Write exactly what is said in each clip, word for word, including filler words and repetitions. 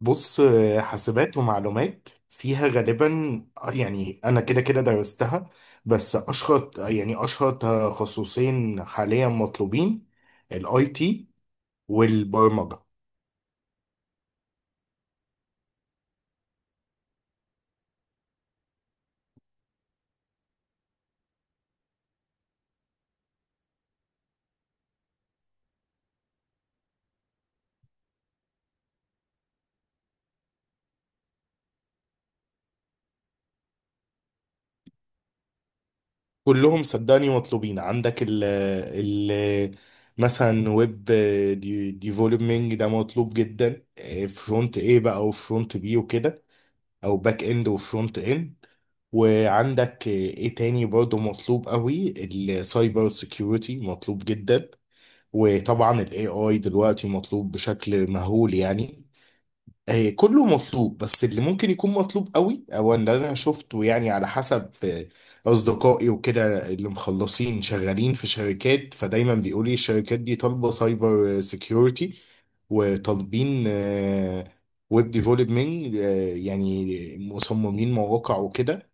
بص آه، حاسبات ومعلومات فيها غالبا آه، يعني انا كده كده درستها، بس اشهر يعني اشهر تخصصين حاليا مطلوبين: الاي تي والبرمجه. كلهم صدقني مطلوبين. عندك ال ال مثلا ويب ديفلوبمنج ده مطلوب جدا، فرونت ايه بقى وفرونت بي وكده، او باك اند وفرونت اند. وعندك ايه تاني برضه مطلوب قوي، السايبر سيكيورتي مطلوب جدا، وطبعا الاي اي دلوقتي مطلوب بشكل مهول يعني. آه، كله مطلوب، بس اللي ممكن يكون مطلوب قوي او اللي انا شفته يعني على حسب آه، اصدقائي وكده اللي مخلصين شغالين في شركات، فدايما بيقولوا لي الشركات دي طالبه سايبر سيكيورتي، وطالبين ويب ديفلوبمنت، يعني مصممين مواقع وكده.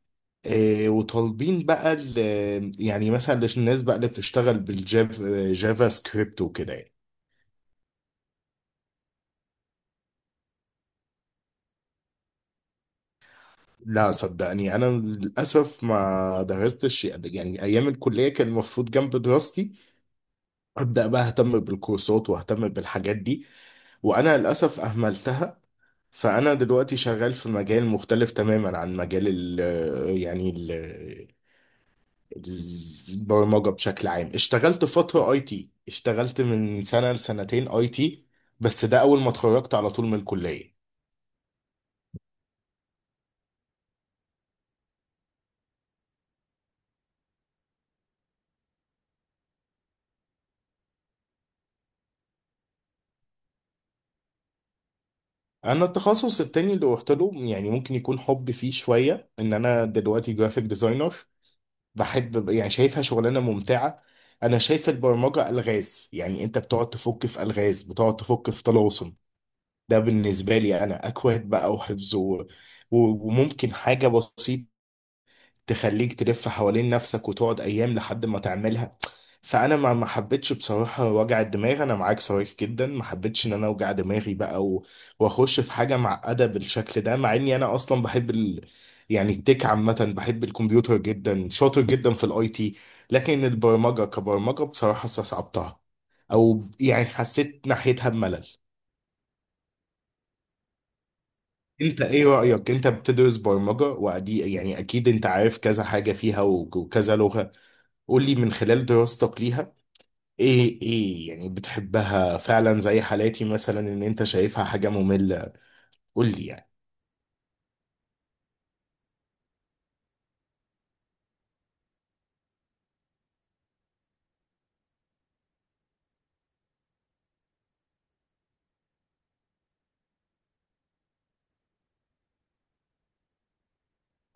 آه، وطالبين بقى ال- آه، يعني مثلا الناس بقى اللي بتشتغل بالجافا، جافا سكريبت وكده يعني. لا صدقني، انا للاسف ما درستش، يعني ايام الكليه كان المفروض جنب دراستي ابدا بقى اهتم بالكورسات واهتم بالحاجات دي، وانا للاسف اهملتها. فانا دلوقتي شغال في مجال مختلف تماما عن مجال ال يعني ال البرمجه بشكل عام. اشتغلت فتره اي تي، اشتغلت من سنه لسنتين اي تي، بس ده اول ما اتخرجت على طول من الكليه. انا التخصص التاني اللي روحت له يعني ممكن يكون حب فيه شويه، ان انا دلوقتي جرافيك ديزاينر. بحب، يعني شايفها شغلانه ممتعه. انا شايف البرمجه الغاز، يعني انت بتقعد تفك في الغاز، بتقعد تفك في طلاسم. ده بالنسبه لي انا اكواد بقى وحفظ و- و- وممكن حاجه بسيطه تخليك تلف حوالين نفسك وتقعد ايام لحد ما تعملها. فانا ما ما حبيتش بصراحه وجع الدماغ. انا معاك صريح جدا، ما حبيتش ان انا اوجع دماغي بقى و... واخش في حاجه معقده بالشكل ده، مع اني انا اصلا بحب ال... يعني التك عامه، بحب الكمبيوتر جدا، شاطر جدا في الاي تي، لكن البرمجه كبرمجه بصراحه استصعبتها، او يعني حسيت ناحيتها بملل. انت ايه رأيك؟ انت بتدرس برمجة وعدي، يعني اكيد انت عارف كذا حاجة فيها و- وكذا لغة. قول لي من خلال دراستك ليها، ايه ايه يعني، بتحبها فعلا؟ زي حالاتي مثلا ان انت شايفها حاجة مملة؟ قول لي يعني.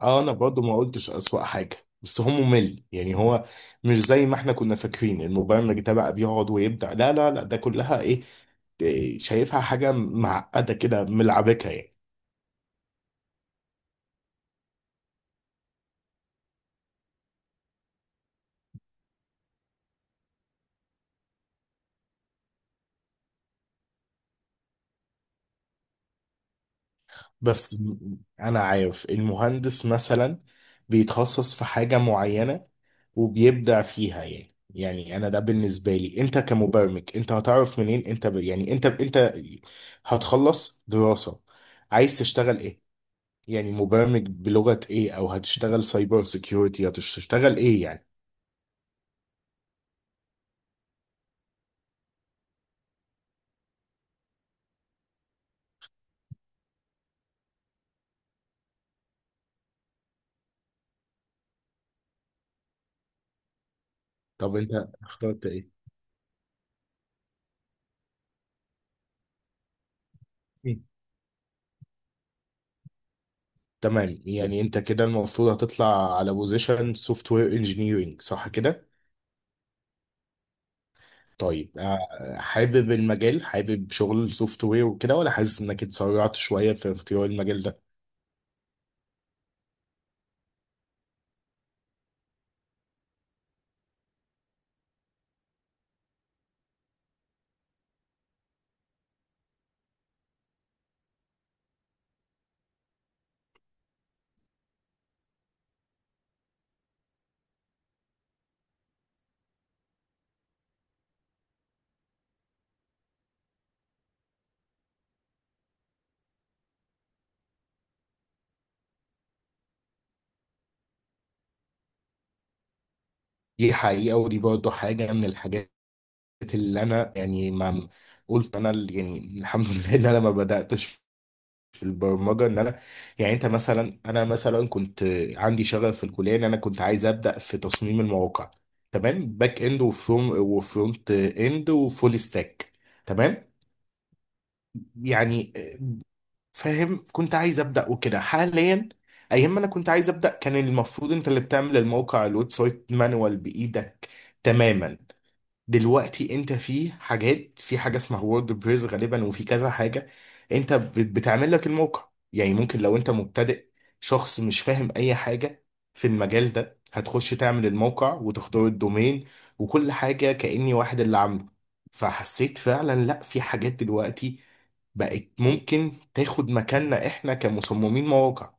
اه، انا برضو ما قلتش اسوأ حاجة، بس هو ممل. يعني هو مش زي ما احنا كنا فاكرين المبرمج ده بقى بيقعد ويبدع، لا لا لا، ده كلها ايه، إيه، شايفها حاجة معقدة كده، ملعبكة يعني. بس م- انا عارف المهندس مثلا بيتخصص في حاجة معينة وبيبدع فيها. يعني يعني انا، ده بالنسبة لي، انت كمبرمج انت هتعرف منين انت ب... يعني انت انت هتخلص دراسة، عايز تشتغل ايه؟ يعني مبرمج بلغة ايه، او هتشتغل سايبر سيكيورتي، هتشتغل ايه يعني. طب انت اخترت ايه؟ مم. تمام، يعني انت كده المفروض هتطلع على بوزيشن سوفت وير انجينيرنج، صح كده؟ طيب آه، حابب المجال، حابب شغل السوفت وير وكده، ولا حاسس انك اتسرعت شويه في اختيار المجال ده؟ دي حقيقه، ودي برضه حاجه من الحاجات اللي انا يعني ما قلت انا اللي- يعني الحمد لله ان انا ما بداتش في البرمجه. ان انا يعني، انت مثلا، انا مثلا كنت عندي شغف في الكليه ان انا كنت عايز ابدا في تصميم المواقع، تمام، باك اند وفرونت وفرونت اند وفول ستاك، تمام. يعني فاهم، كنت عايز ابدا وكده. حاليا، ايام ما انا كنت عايز ابدا، كان المفروض انت اللي بتعمل الموقع الويب سايت مانوال بايدك تماما. دلوقتي انت في حاجات، في حاجه اسمها وورد بريس غالبا وفي كذا حاجه، انت بت- بتعمل لك الموقع. يعني ممكن لو انت مبتدئ، شخص مش فاهم اي حاجه في المجال ده، هتخش تعمل الموقع وتختار الدومين وكل حاجه كاني واحد اللي عامله. فحسيت فعلا لا، في حاجات دلوقتي بقت ممكن تاخد مكاننا احنا كمصممين مواقع.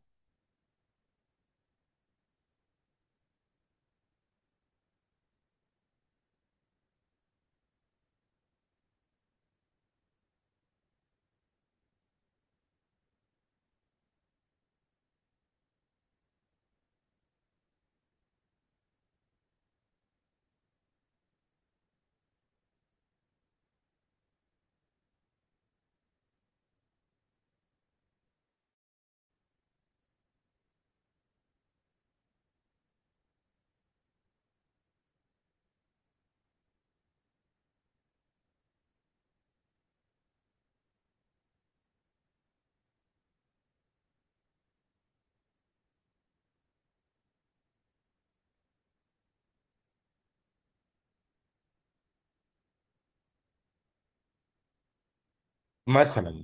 مثلا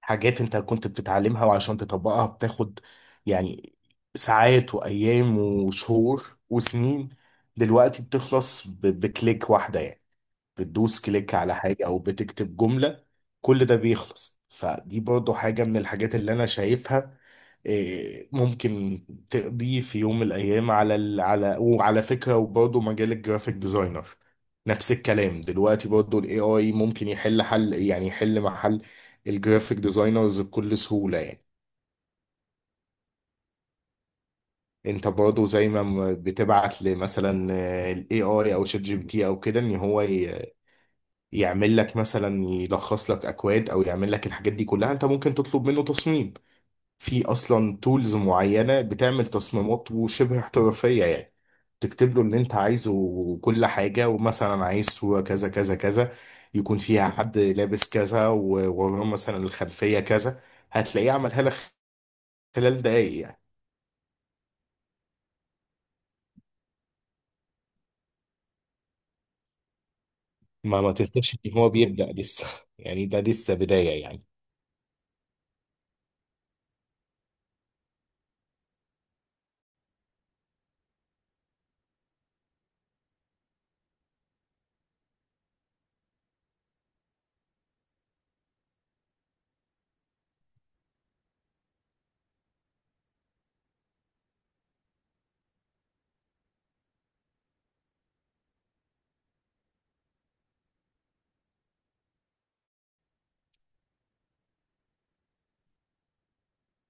حاجات انت كنت بتتعلمها وعشان تطبقها بتاخد يعني ساعات وايام وشهور وسنين، دلوقتي بتخلص ب- بكليك واحدة يعني. بتدوس كليك على حاجة أو بتكتب جملة، كل ده بيخلص. فدي برضو حاجة من الحاجات اللي أنا شايفها إيه، ممكن تقضي في يوم من الأيام على ال... على. وعلى فكرة، وبرضو مجال الجرافيك ديزاينر نفس الكلام، دلوقتي برضو ال إيه آي ممكن يحل حل، يعني يحل محل الجرافيك ديزاينرز بكل سهولة يعني. انت برضو زي ما م- بتبعت لمثلا آه، ال A I او شات جي بي تي او كده ان هو يعمل لك مثلا، يلخص لك اكواد او يعمل لك الحاجات دي كلها، انت ممكن تطلب منه تصميم. في اصلا تولز معينه بتعمل تصميمات وشبه احترافيه يعني، تكتب له اللي انت عايزه وكل حاجه، ومثلا عايز صوره كذا كذا كذا، يكون فيها حد لابس كذا ووراه مثلا الخلفيه كذا، هتلاقيه عملها لك خلال دقايق يعني. ما ما تفتكرش ان هو بيبدأ لسه يعني ده لسه بدايه يعني.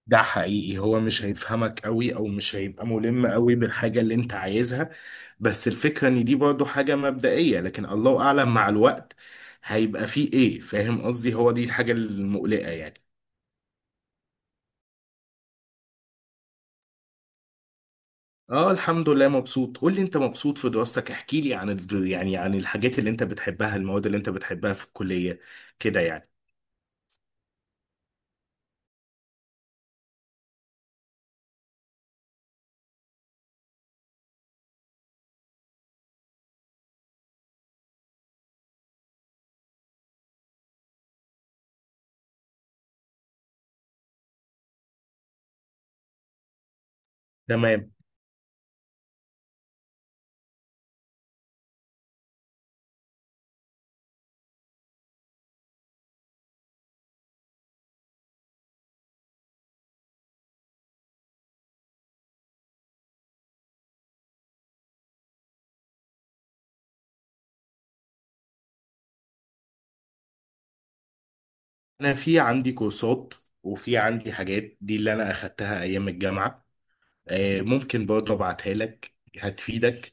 ده حقيقي، هو مش هيفهمك قوي او مش هيبقى ملم قوي بالحاجة اللي انت عايزها، بس الفكرة ان دي برضو حاجة مبدئية، لكن الله اعلم مع الوقت هيبقى فيه ايه. فاهم قصدي؟ هو دي الحاجة المقلقة يعني. اه الحمد لله مبسوط. قول لي انت، مبسوط في دراستك؟ احكي لي عن ال... يعني عن الحاجات اللي انت بتحبها، المواد اللي انت بتحبها في الكلية كده يعني. تمام. انا في عندي كورسات وفي عندي حاجات دي اللي انا اخدتها ايام الجامعة، آه، ممكن برضه ابعتها لك، هتفيدك.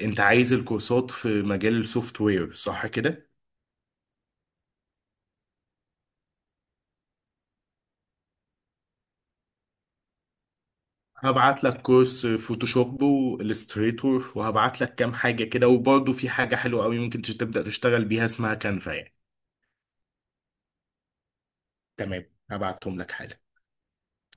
انت عايز الكورسات في مجال السوفت وير صح كده؟ هبعت لك كورس فوتوشوب والستريتور، وهبعت لك كام حاجة كده. وبرضه في حاجة حلوة قوي ممكن تش- تبدأ تشتغل بيها اسمها كانفا يعني. تمام، هبعتهم لك حالا.